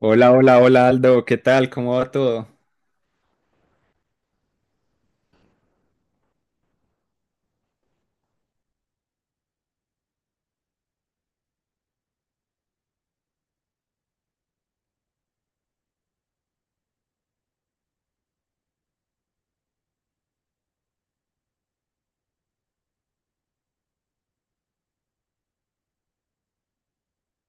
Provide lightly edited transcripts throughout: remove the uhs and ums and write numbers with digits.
Hola, hola, hola Aldo, ¿qué tal? ¿Cómo va todo?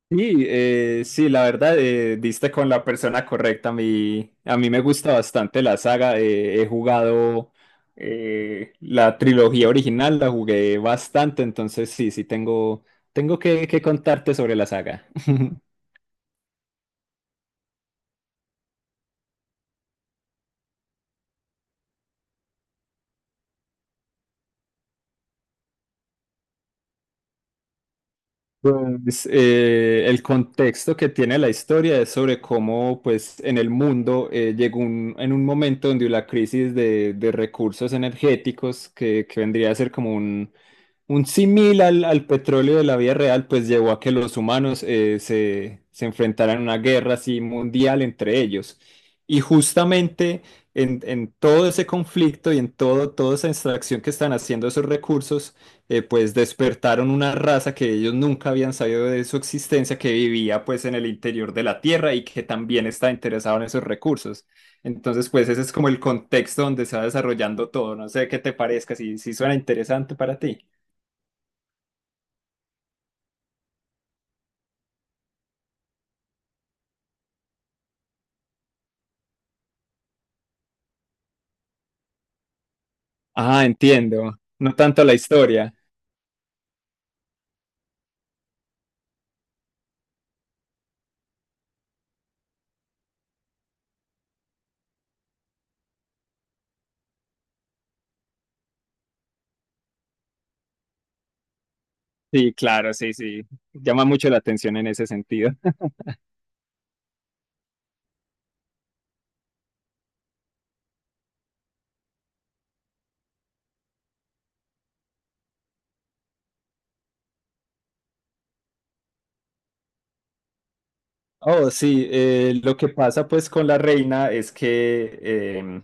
Sí, sí, la verdad, diste con la persona correcta. A mí me gusta bastante la saga. He jugado la trilogía original, la jugué bastante, entonces sí, sí, tengo que contarte sobre la saga. Pues el contexto que tiene la historia es sobre cómo, pues, en el mundo llegó en un momento donde la crisis de recursos energéticos, que vendría a ser como un símil al petróleo de la vida real, pues llevó a que los humanos se enfrentaran a una guerra así mundial entre ellos. Y justamente en todo ese conflicto y en todo, toda esa extracción que están haciendo esos recursos, pues despertaron una raza que ellos nunca habían sabido de su existencia, que vivía pues en el interior de la Tierra y que también está interesado en esos recursos. Entonces, pues ese es como el contexto donde se va desarrollando todo. No sé qué te parezca, si, si suena interesante para ti. Ah, entiendo. No tanto la historia. Sí, claro, sí, sí. Llama mucho la atención en ese sentido. Oh, sí, lo que pasa pues con la reina es que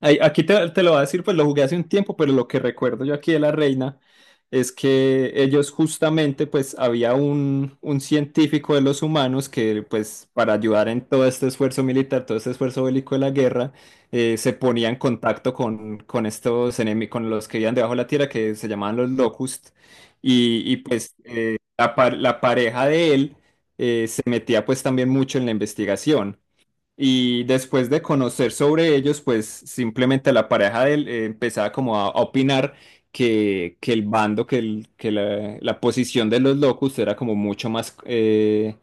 ay, aquí te, te lo voy a decir, pues lo jugué hace un tiempo, pero lo que recuerdo yo aquí de la reina es que ellos justamente, pues había un científico de los humanos que, pues para ayudar en todo este esfuerzo militar, todo este esfuerzo bélico de la guerra, se ponía en contacto con estos enemigos, con los que vivían debajo de la tierra, que se llamaban los Locust, y, pues la, la pareja de él se metía pues también mucho en la investigación. Y después de conocer sobre ellos, pues simplemente la pareja de él empezaba como a opinar que el bando, que, que la posición de los locos era como mucho más,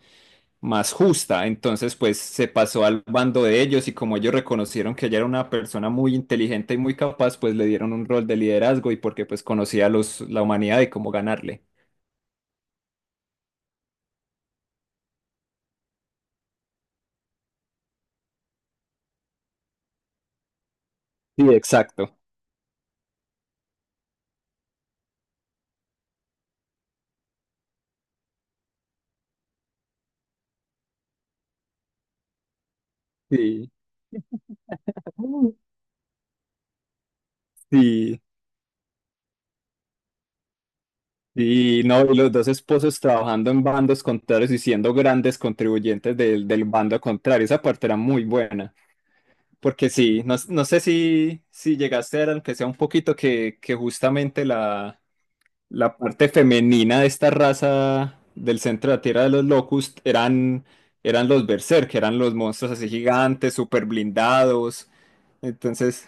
más justa. Entonces, pues se pasó al bando de ellos y como ellos reconocieron que ella era una persona muy inteligente y muy capaz, pues le dieron un rol de liderazgo y porque pues conocía a los, la humanidad y cómo ganarle. Sí, exacto. Sí. Sí. Y no, y los dos esposos trabajando en bandos contrarios y siendo grandes contribuyentes del, del bando contrario. Esa parte era muy buena. Porque sí, no, no sé si, si llegaste a ver, aunque sea un poquito, que justamente la, la parte femenina de esta raza del centro de la Tierra de los Locust eran, eran los Berserk, eran los monstruos así gigantes, súper blindados. Entonces.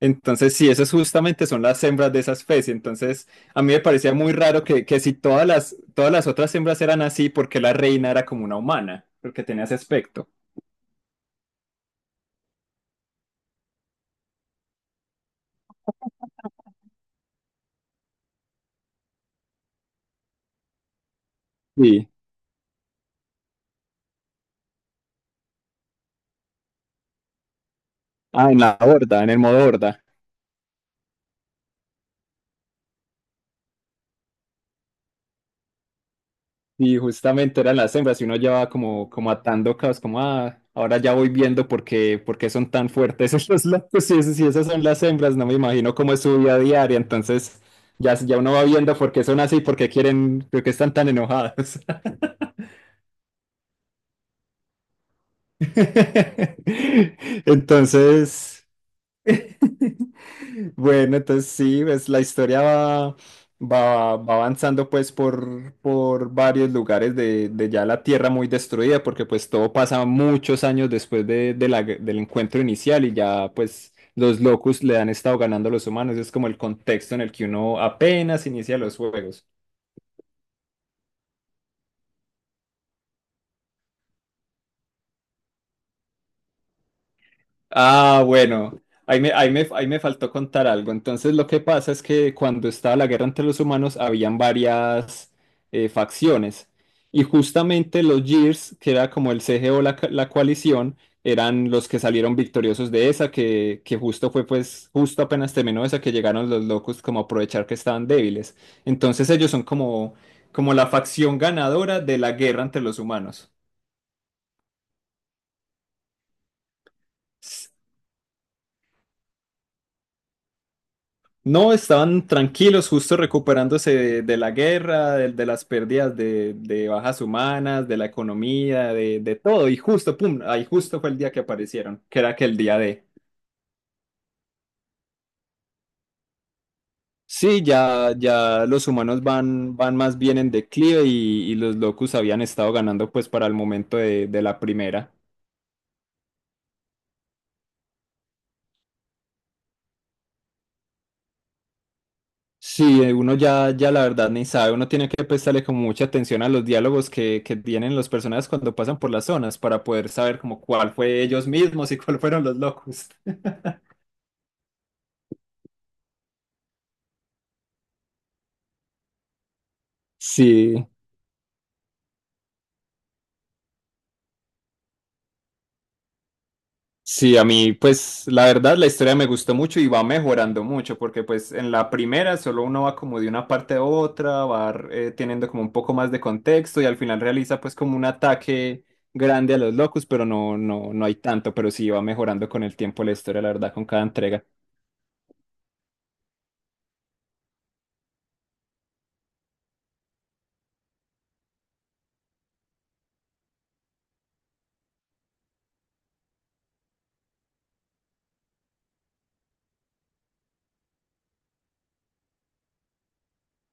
Entonces, sí, esas justamente son las hembras de esa especie. Entonces, a mí me parecía muy raro que si todas las, todas las otras hembras eran así, porque la reina era como una humana, porque tenía ese aspecto. Sí. Ah, en la horda, en el modo horda. Y justamente eran las hembras y uno ya va como, como atando cabos, como, ah, ahora ya voy viendo por qué son tan fuertes esos locos. Si, si esas son las hembras, no me imagino cómo es su vida diaria. Entonces, ya, ya uno va viendo por qué son así, por qué quieren, por qué están tan enojadas. Entonces, bueno, entonces sí, pues la historia va, va avanzando pues por varios lugares de ya la tierra muy destruida, porque pues todo pasa muchos años después de la del encuentro inicial y ya pues los locus le han estado ganando a los humanos, es como el contexto en el que uno apenas inicia los juegos. Ah, bueno, ahí me faltó contar algo. Entonces, lo que pasa es que cuando estaba la guerra entre los humanos, habían varias facciones. Y justamente los Gears, que era como el CGO, la, la coalición, eran los que salieron victoriosos de esa, que justo fue, pues, justo apenas terminó esa, que llegaron los locos como a aprovechar que estaban débiles. Entonces, ellos son como, como la facción ganadora de la guerra entre los humanos. No, estaban tranquilos, justo recuperándose de la guerra, de las pérdidas de bajas humanas, de la economía, de todo. Y justo, pum, ahí justo fue el día que aparecieron, que era aquel día de... Sí, ya, ya los humanos van, van más bien en declive y los locus habían estado ganando pues para el momento de la primera. Sí, uno ya, ya la verdad ni sabe, uno tiene que prestarle como mucha atención a los diálogos que tienen los personajes cuando pasan por las zonas para poder saber como cuál fue ellos mismos y cuál fueron los locos. Sí, sí, a mí pues la verdad la historia me gustó mucho y va mejorando mucho porque pues en la primera solo uno va como de una parte a otra, va teniendo como un poco más de contexto y al final realiza pues como un ataque grande a los locos, pero no, no, no hay tanto, pero sí va mejorando con el tiempo la historia, la verdad, con cada entrega.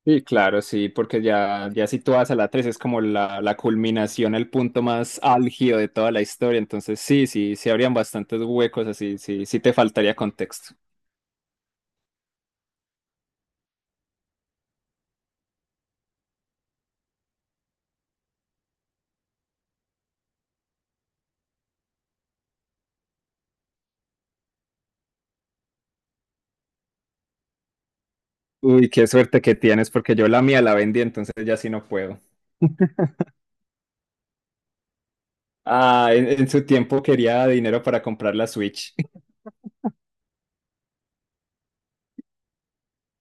Sí, claro, sí, porque ya, ya si tú vas a la 3 es como la culminación, el punto más álgido de toda la historia. Entonces, sí, sí, sí habrían bastantes huecos así, sí, sí te faltaría contexto. Uy, qué suerte que tienes, porque yo la mía la vendí, entonces ya sí no puedo. Ah, en su tiempo quería dinero para comprar la Switch.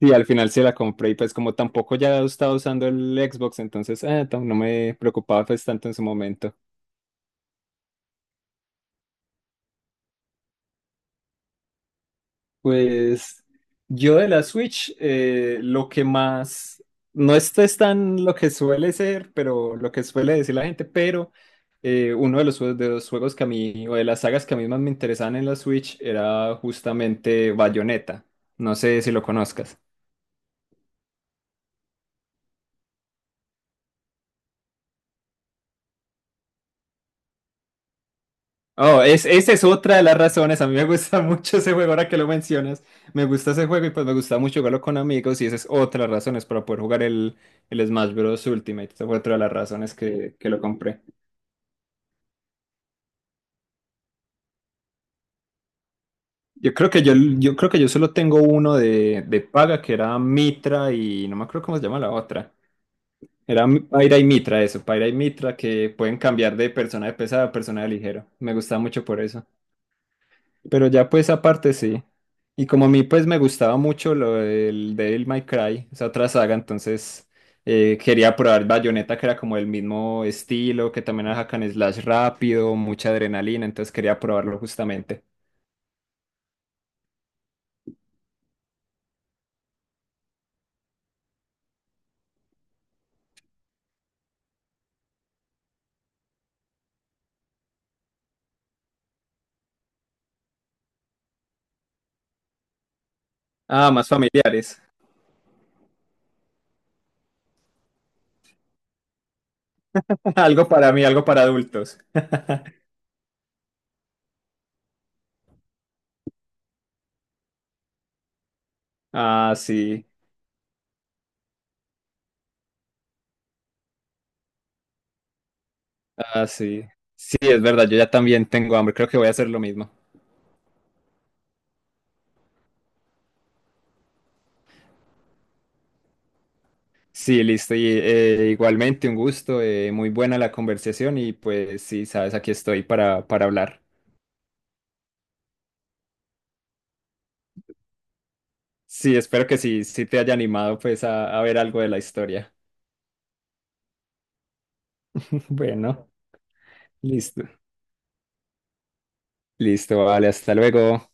Y al final se la compré, y pues como tampoco ya estaba usando el Xbox, entonces no me preocupaba pues tanto en su momento. Pues yo de la Switch, lo que más, no esto es tan lo que suele ser, pero lo que suele decir la gente, pero uno de los, de los juegos que a mí, o de las sagas que a mí más me interesaban en la Switch era justamente Bayonetta. No sé si lo conozcas. Oh, es, esa es otra de las razones. A mí me gusta mucho ese juego, ahora que lo mencionas. Me gusta ese juego y pues me gusta mucho jugarlo con amigos y esa es otra de las razones para poder jugar el Smash Bros. Ultimate. Esa fue otra de las razones que lo compré. Yo creo que yo, yo creo que yo solo tengo uno de paga que era Mitra y no me acuerdo cómo se llama la otra. Era Paira y Mitra, eso, Paira y Mitra que pueden cambiar de persona de pesada a persona de ligero. Me gustaba mucho por eso. Pero ya pues aparte sí. Y como a mí pues me gustaba mucho lo del Devil May Cry, esa otra saga, entonces quería probar Bayonetta que era como el mismo estilo, que también era hack and slash rápido, mucha adrenalina, entonces quería probarlo justamente. Ah, más familiares. Algo para mí, algo para adultos. Ah, sí, ah, sí. Sí, es verdad, yo ya también tengo hambre, creo que voy a hacer lo mismo. Sí, listo, y igualmente un gusto, muy buena la conversación y pues sí, sabes, aquí estoy para hablar. Sí, espero que sí, sí te haya animado pues a ver algo de la historia. Bueno, listo, listo, vale, hasta luego.